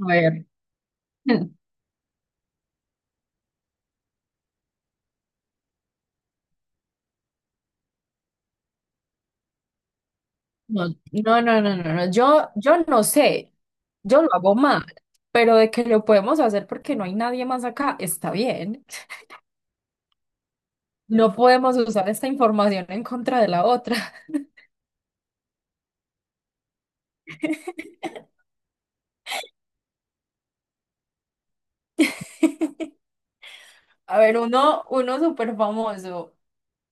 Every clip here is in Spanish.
A ver. No, no, no, no, no, no, yo no sé, yo lo hago mal, pero de que lo podemos hacer porque no hay nadie más acá, está bien. No podemos usar esta información en contra de la otra. A ver, uno súper famoso,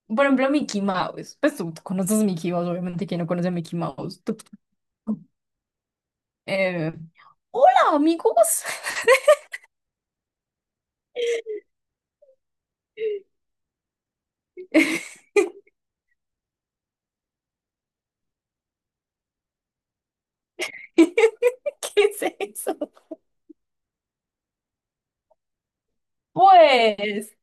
por ejemplo, Mickey Mouse. Pues tú conoces Mickey Mouse, obviamente, ¿quién no conoce a Mickey Mouse? Tú- eh, Hola, amigos. ¿Qué es eso? Pues,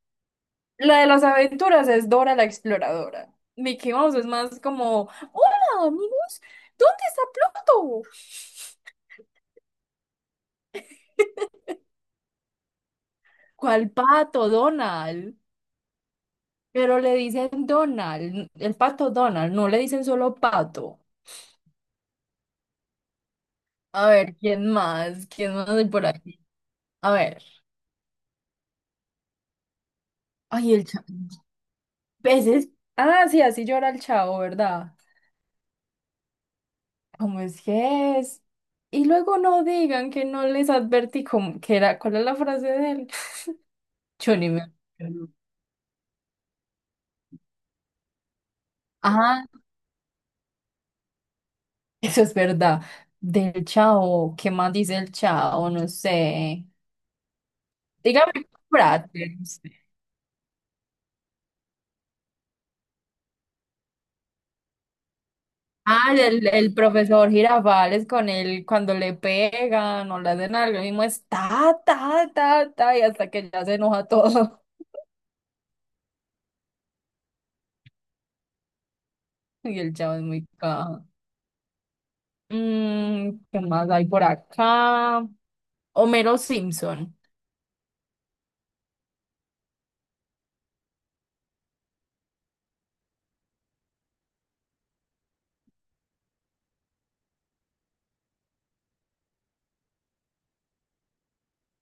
La de las aventuras es Dora la exploradora. Mickey Mouse es más como hola amigos, ¿dónde está Pluto? ¿Cuál pato, Donald? Pero le dicen Donald, el pato Donald, no le dicen solo pato. A ver, ¿quién más? ¿Quién más hay por aquí? A ver. Ay, el chavo. Peces. Ah, sí, así llora el chavo, ¿verdad? ¿Cómo es que es? Y luego no digan que no les advertí cómo, que era, ¿cuál es la frase de él? Yo ni me acuerdo. Eso es verdad. Del chao, ¿qué más dice el chao? No sé. Dígame, Prater. Ah, el profesor Girafales con él cuando le pegan o le hacen algo, el mismo es ta, ta, ta, ta, y hasta que ya se enoja todo. Y el chavo es muy caja. Mm, ¿qué más hay por acá? Homero Simpson.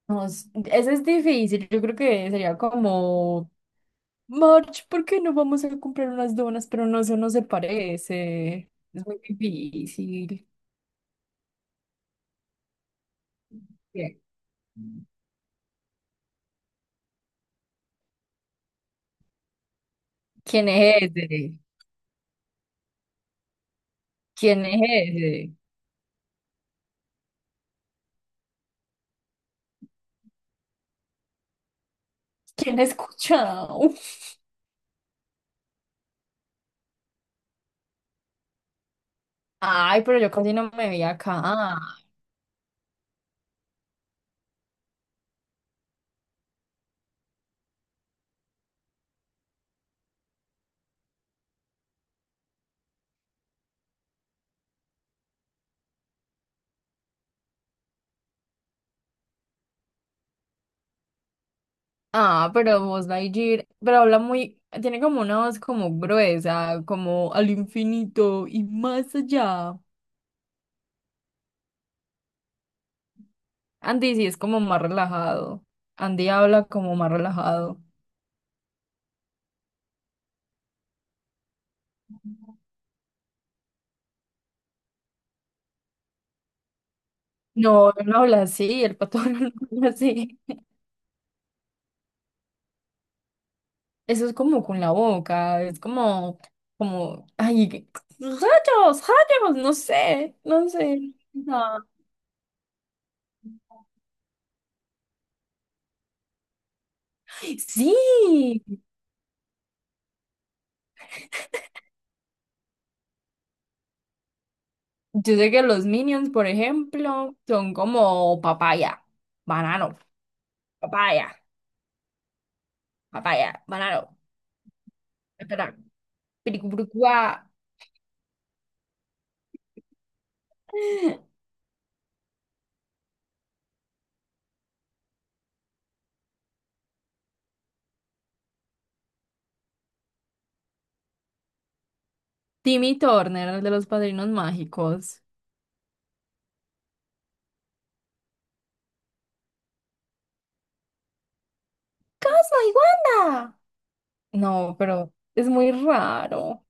No s- Ese es difícil, yo creo que sería como March, ¿por qué no vamos a comprar unas donas? Pero no, eso no se parece. Es muy difícil. Bien. ¿Quién es ese? ¿Quién es ese? ¿Quién ha escuchado? Ay, pero yo casi no me vi acá. Ah, pero vos, Lightyear, pero habla muy, tiene como una voz como gruesa, como al infinito y más allá. Andy sí es como más relajado. Andy habla como más relajado. No, él no habla así, el pato no habla así. Eso es como con la boca, es como, como, ay, que- rayos, rayos, no sé, no sé, no. Sí, yo sé que los Minions, por ejemplo, son como papaya, banano, papaya, papaya, banano, espera, piricucuricua. Timmy Turner, el de los Padrinos Mágicos. ¡Casa y Wanda! No, pero es muy raro.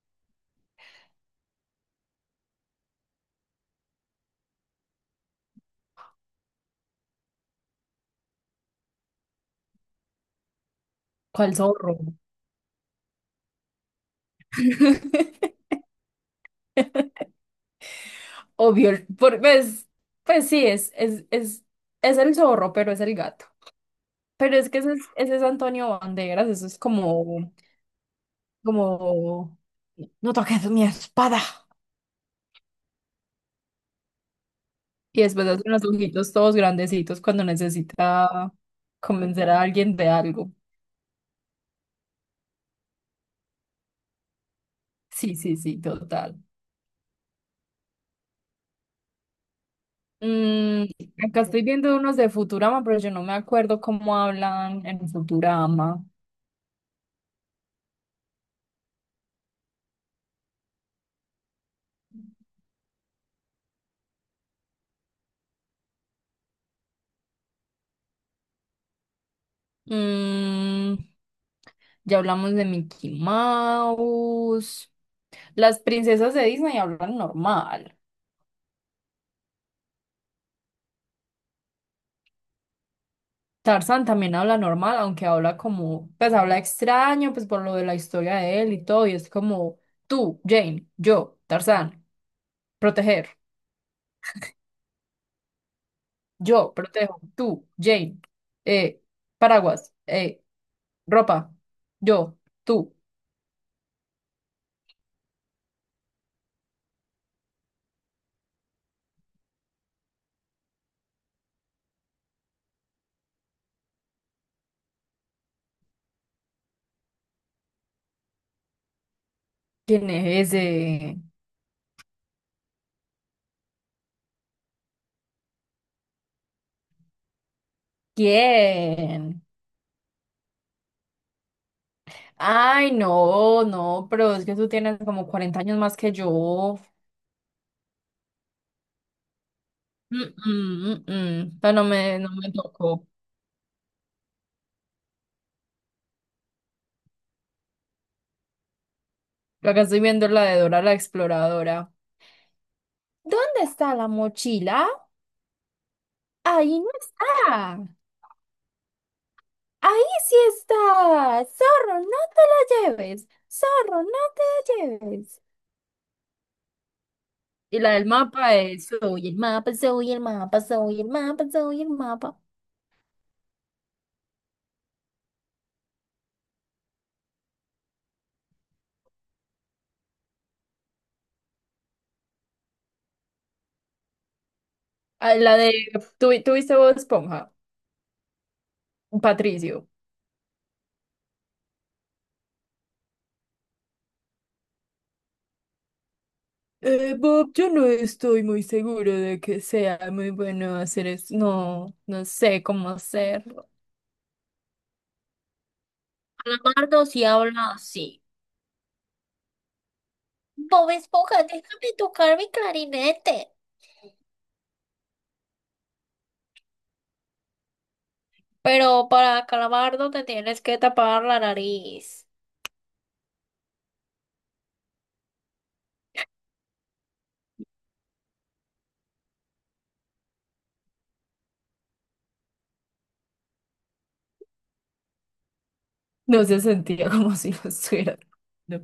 ¿Cuál zorro? Obvio, el- por, pues, pues sí, es el zorro, pero es el gato. Pero es que ese es Antonio Banderas, eso es como, como, no toques mi espada. Y después hace unos ojitos todos grandecitos cuando necesita convencer a alguien de algo. Sí, sí, sí, total. Mm, acá estoy viendo unos de Futurama, pero yo no me acuerdo cómo hablan en Futurama. Mm, ya hablamos de Mickey Mouse. Las princesas de Disney hablan normal. Tarzan también habla normal, aunque habla como, pues habla extraño, pues por lo de la historia de él y todo, y es como tú, Jane, yo, Tarzan, proteger, yo, protejo, tú, Jane, eh, paraguas, ropa, yo, tú, ¿quién es ese? ¿Quién? Ay, no, no, pero es que tú tienes como 40 años más que yo. Mm, mm, mm, mm. Pero no me tocó. Acá estoy viendo la de Dora la Exploradora. ¿Dónde está la mochila? Ahí no está. Ahí sí está. Zorro, no te la lleves. Zorro, no te la lleves. Y la del mapa es soy el mapa, soy el mapa, soy el mapa, soy el mapa. Ah, La de, ¿tú viste Bob Esponja? Patricio. Bob, yo no estoy muy seguro de que sea muy bueno hacer eso. No, no sé cómo hacerlo. Calamardo si habla así. Bob Esponja, déjame tocar mi clarinete. Pero para Calamardo te tienes que tapar la nariz. No se sentía como si lo estuviera. No.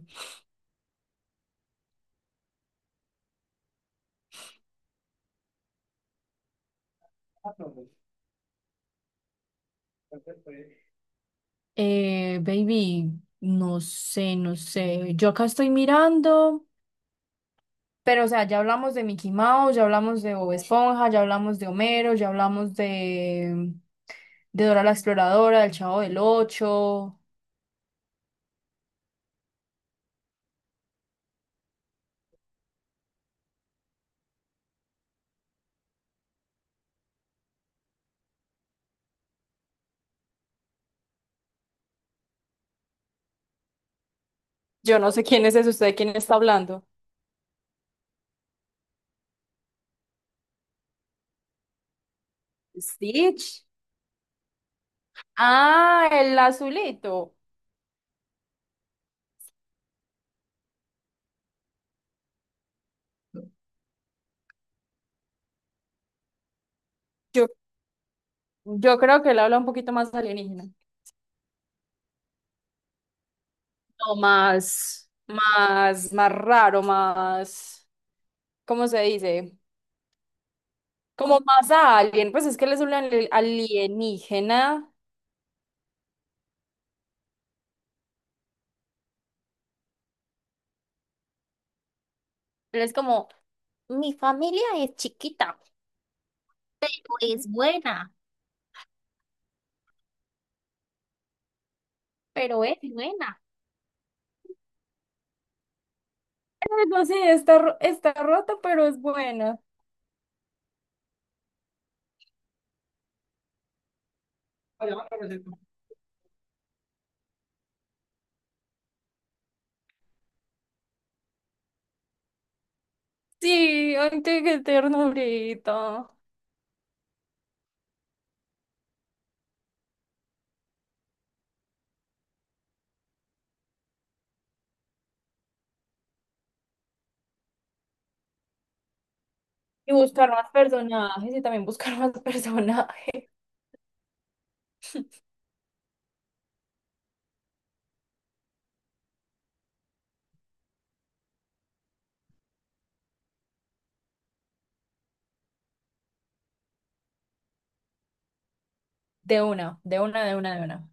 Baby, no sé, no sé. Yo acá estoy mirando. Pero, o sea, ya hablamos de Mickey Mouse, ya hablamos de Bob Esponja, ya hablamos de Homero, ya hablamos de de Dora la Exploradora, del Chavo del Ocho. Yo no sé quién es ese, usted de quién está hablando. Stitch. Ah, el azulito. Yo, yo creo que él habla un poquito más alienígena. No, más, más, más raro, más, ¿cómo se dice? Como más alien. Pues es que él es un alienígena. Él es como mi familia es chiquita, es buena, pero es buena. Algo así, está, está rota, pero es buena. Sí, ay, qué, qué ternurita. Y buscar más personajes y también buscar más personajes. De una, de una, de una, de una.